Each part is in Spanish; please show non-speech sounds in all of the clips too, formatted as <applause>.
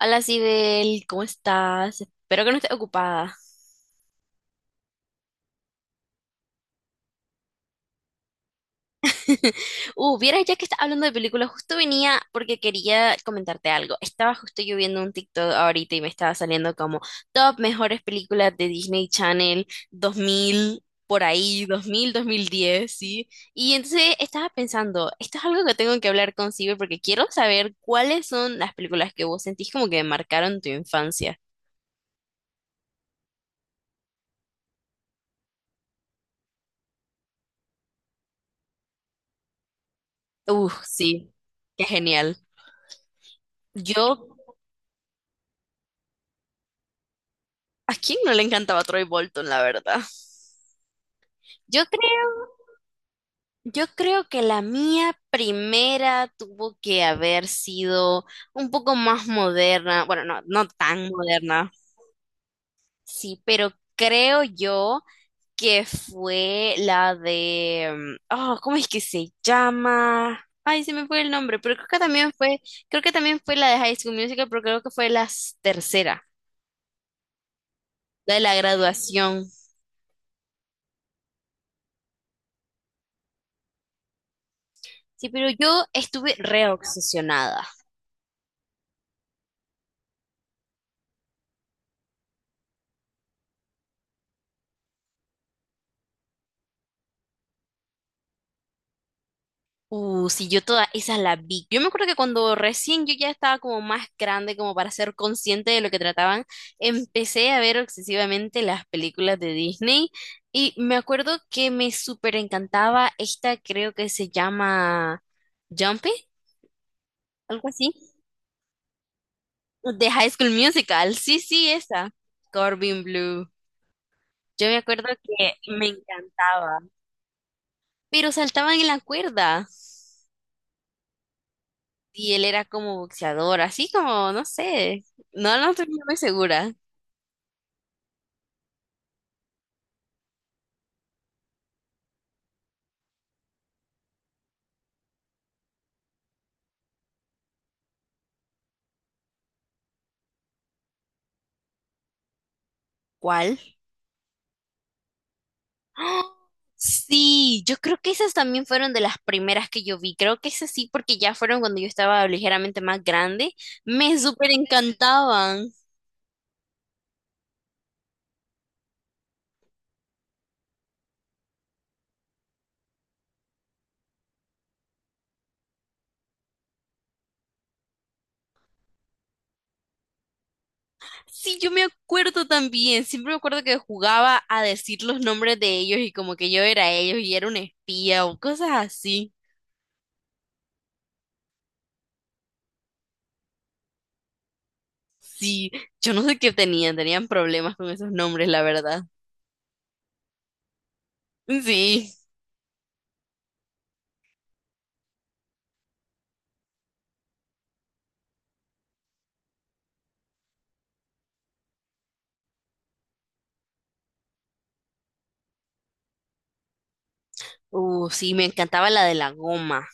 Hola, Sibel, ¿cómo estás? Espero que no estés ocupada. <laughs> Vieras ya que estás hablando de películas, justo venía porque quería comentarte algo. Estaba justo yo viendo un TikTok ahorita y me estaba saliendo como top mejores películas de Disney Channel 2000 por ahí, dos mil 2010, ¿sí? Y entonces estaba pensando, esto es algo que tengo que hablar con Sibel porque quiero saber cuáles son las películas que vos sentís como que marcaron tu infancia. Sí, qué genial. Yo, ¿a quién no le encantaba Troy Bolton, la verdad? Yo creo, yo creo que la mía primera tuvo que haber sido un poco más moderna, bueno, no, no tan moderna, sí, pero creo yo que fue la de, oh, ¿cómo es que se llama? Ay, se me fue el nombre, pero creo que también fue, creo que también fue la de High School Musical, pero creo que fue la tercera, la de la graduación. Sí, pero yo estuve re obsesionada. Sí, yo toda esa la vi. Yo me acuerdo que cuando recién yo ya estaba como más grande, como para ser consciente de lo que trataban, empecé a ver obsesivamente las películas de Disney y me acuerdo que me súper encantaba esta, creo que se llama Jumpy, algo así, de High School Musical. Sí, sí, esa. Corbin Blue. Yo me acuerdo que me encantaba, pero saltaban en la cuerda. Y él era como boxeador, así como, no sé, no, no estoy muy segura. ¿Cuál? ¡Ah! Sí, yo creo que esas también fueron de las primeras que yo vi. Creo que esas sí, porque ya fueron cuando yo estaba ligeramente más grande. Me súper encantaban. Sí, yo me acuerdo también. Siempre me acuerdo que jugaba a decir los nombres de ellos y como que yo era ellos y era un espía o cosas así. Sí, yo no sé qué tenían, tenían problemas con esos nombres, la verdad. Sí. Sí, me encantaba la de la goma,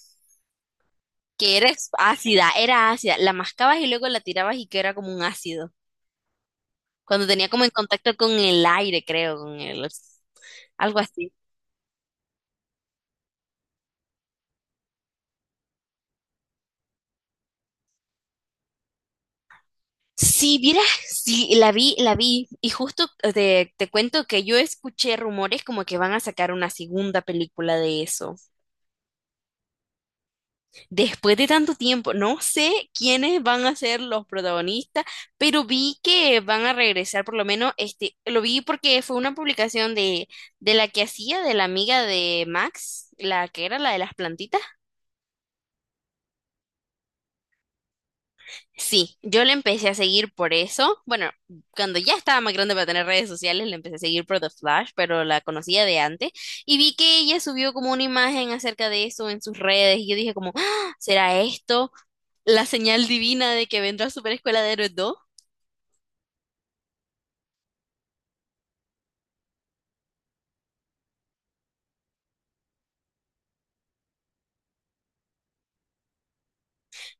que era ácida, era ácida. La mascabas y luego la tirabas y que era como un ácido. Cuando tenía como en contacto con el aire, creo, con el, algo así. Sí, vieras, sí, la vi, la vi. Y justo te cuento que yo escuché rumores como que van a sacar una segunda película de eso. Después de tanto tiempo, no sé quiénes van a ser los protagonistas, pero vi que van a regresar, por lo menos, este, lo vi porque fue una publicación de la que hacía, de la amiga de Max, la que era la de las plantitas. Sí, yo le empecé a seguir por eso. Bueno, cuando ya estaba más grande para tener redes sociales, le empecé a seguir por The Flash, pero la conocía de antes, y vi que ella subió como una imagen acerca de eso en sus redes, y yo dije como, "Ah, ¿será esto? La señal divina de que vendrá Super Escuela de Héroes 2".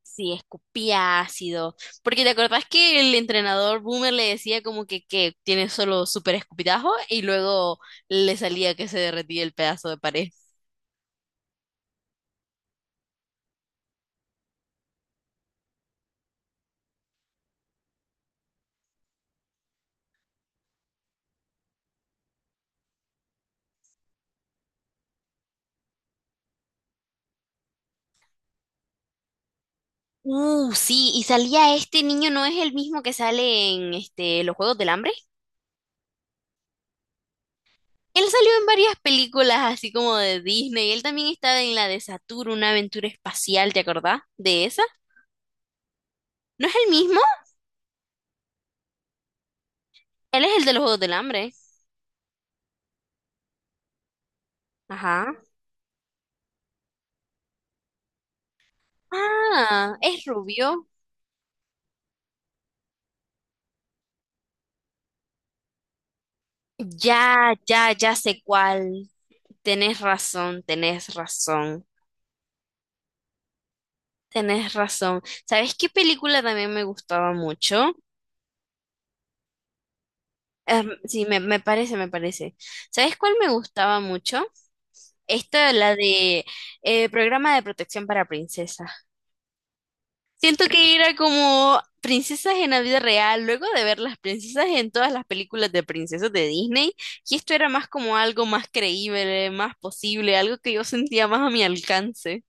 Sí, escupía ácido. Porque te acordás que el entrenador Boomer le decía como que tiene solo super escupitajo y luego le salía que se derretía el pedazo de pared. Sí, y salía este niño, ¿no es el mismo que sale en este, los Juegos del Hambre? Él salió en varias películas así como de Disney. Él también estaba en la de Saturno, una aventura espacial, ¿te acordás de esa? ¿No es el mismo? Él es el de los Juegos del Hambre. Ajá. Ah, es rubio. Ya, ya, ya sé cuál. Tenés razón, tenés razón, tenés razón. ¿Sabes qué película también me gustaba mucho? Em, sí, me parece, me parece. ¿Sabes cuál me gustaba mucho? Esta, la de Programa de Protección para Princesas. Siento que era como princesas en la vida real, luego de ver las princesas en todas las películas de princesas de Disney, y esto era más como algo más creíble, más posible, algo que yo sentía más a mi alcance.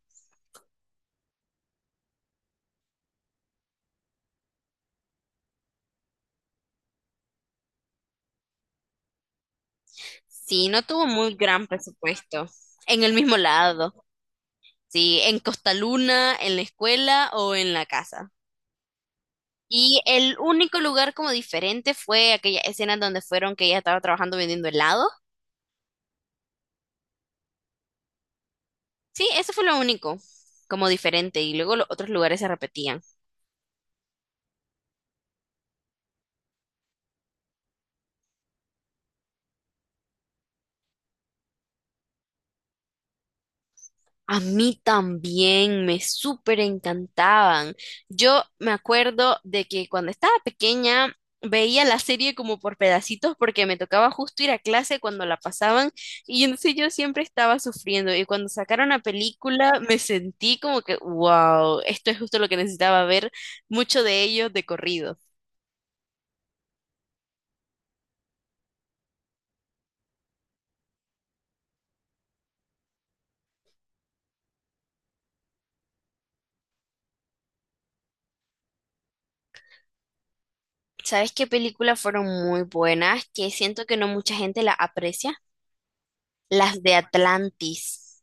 Sí, no tuvo muy gran presupuesto. En el mismo lado, sí, en Costa Luna, en la escuela o en la casa. Y el único lugar como diferente fue aquella escena donde fueron que ella estaba trabajando vendiendo helado. Sí, eso fue lo único como diferente y luego los otros lugares se repetían. A mí también me súper encantaban. Yo me acuerdo de que cuando estaba pequeña veía la serie como por pedacitos porque me tocaba justo ir a clase cuando la pasaban y entonces yo siempre estaba sufriendo y cuando sacaron la película me sentí como que, wow, esto es justo lo que necesitaba ver, mucho de ello de corrido. ¿Sabes qué películas fueron muy buenas que siento que no mucha gente la aprecia? Las de Atlantis,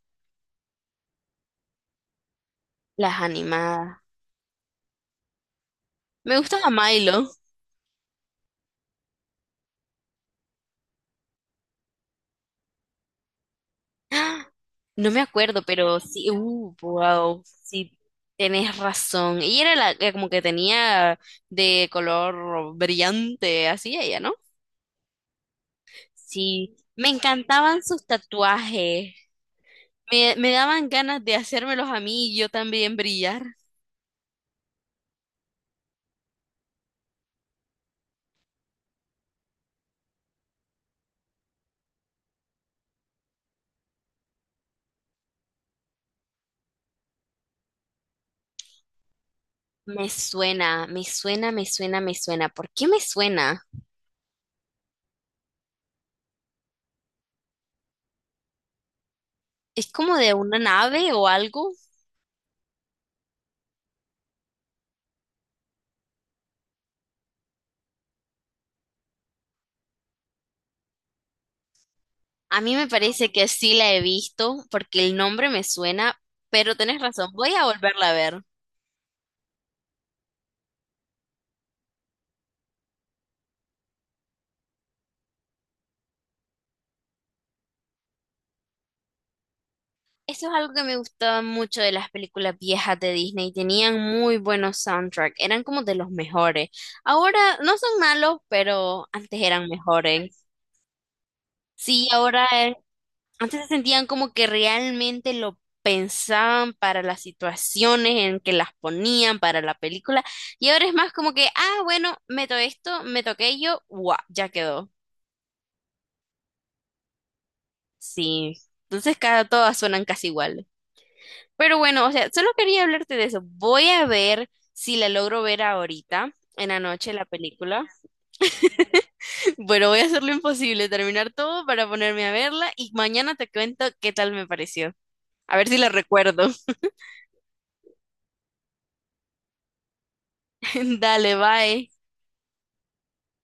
las animadas. Me gustaba Milo. ¡Ah! No me acuerdo, pero sí, wow, sí, tenés razón. Y era la que como que tenía de color brillante, así ella, ¿no? Sí, me encantaban sus tatuajes. Me daban ganas de hacérmelos a mí y yo también brillar. Me suena, me suena, me suena, me suena. ¿Por qué me suena? ¿Es como de una nave o algo? A mí me parece que sí la he visto porque el nombre me suena, pero tenés razón, voy a volverla a ver. Eso es algo que me gustaba mucho de las películas viejas de Disney. Tenían muy buenos soundtracks, eran como de los mejores. Ahora no son malos, pero antes eran mejores. Sí, ahora antes se sentían como que realmente lo pensaban para las situaciones en que las ponían para la película. Y ahora es más como que, ah, bueno, meto esto, meto aquello, guau, ya quedó. Sí, entonces cada todas suenan casi iguales. Pero bueno, o sea, solo quería hablarte de eso. Voy a ver si la logro ver ahorita, en la noche, la película. <laughs> Bueno, voy a hacer lo imposible, terminar todo para ponerme a verla y mañana te cuento qué tal me pareció. A ver si la recuerdo. <laughs> Dale, bye.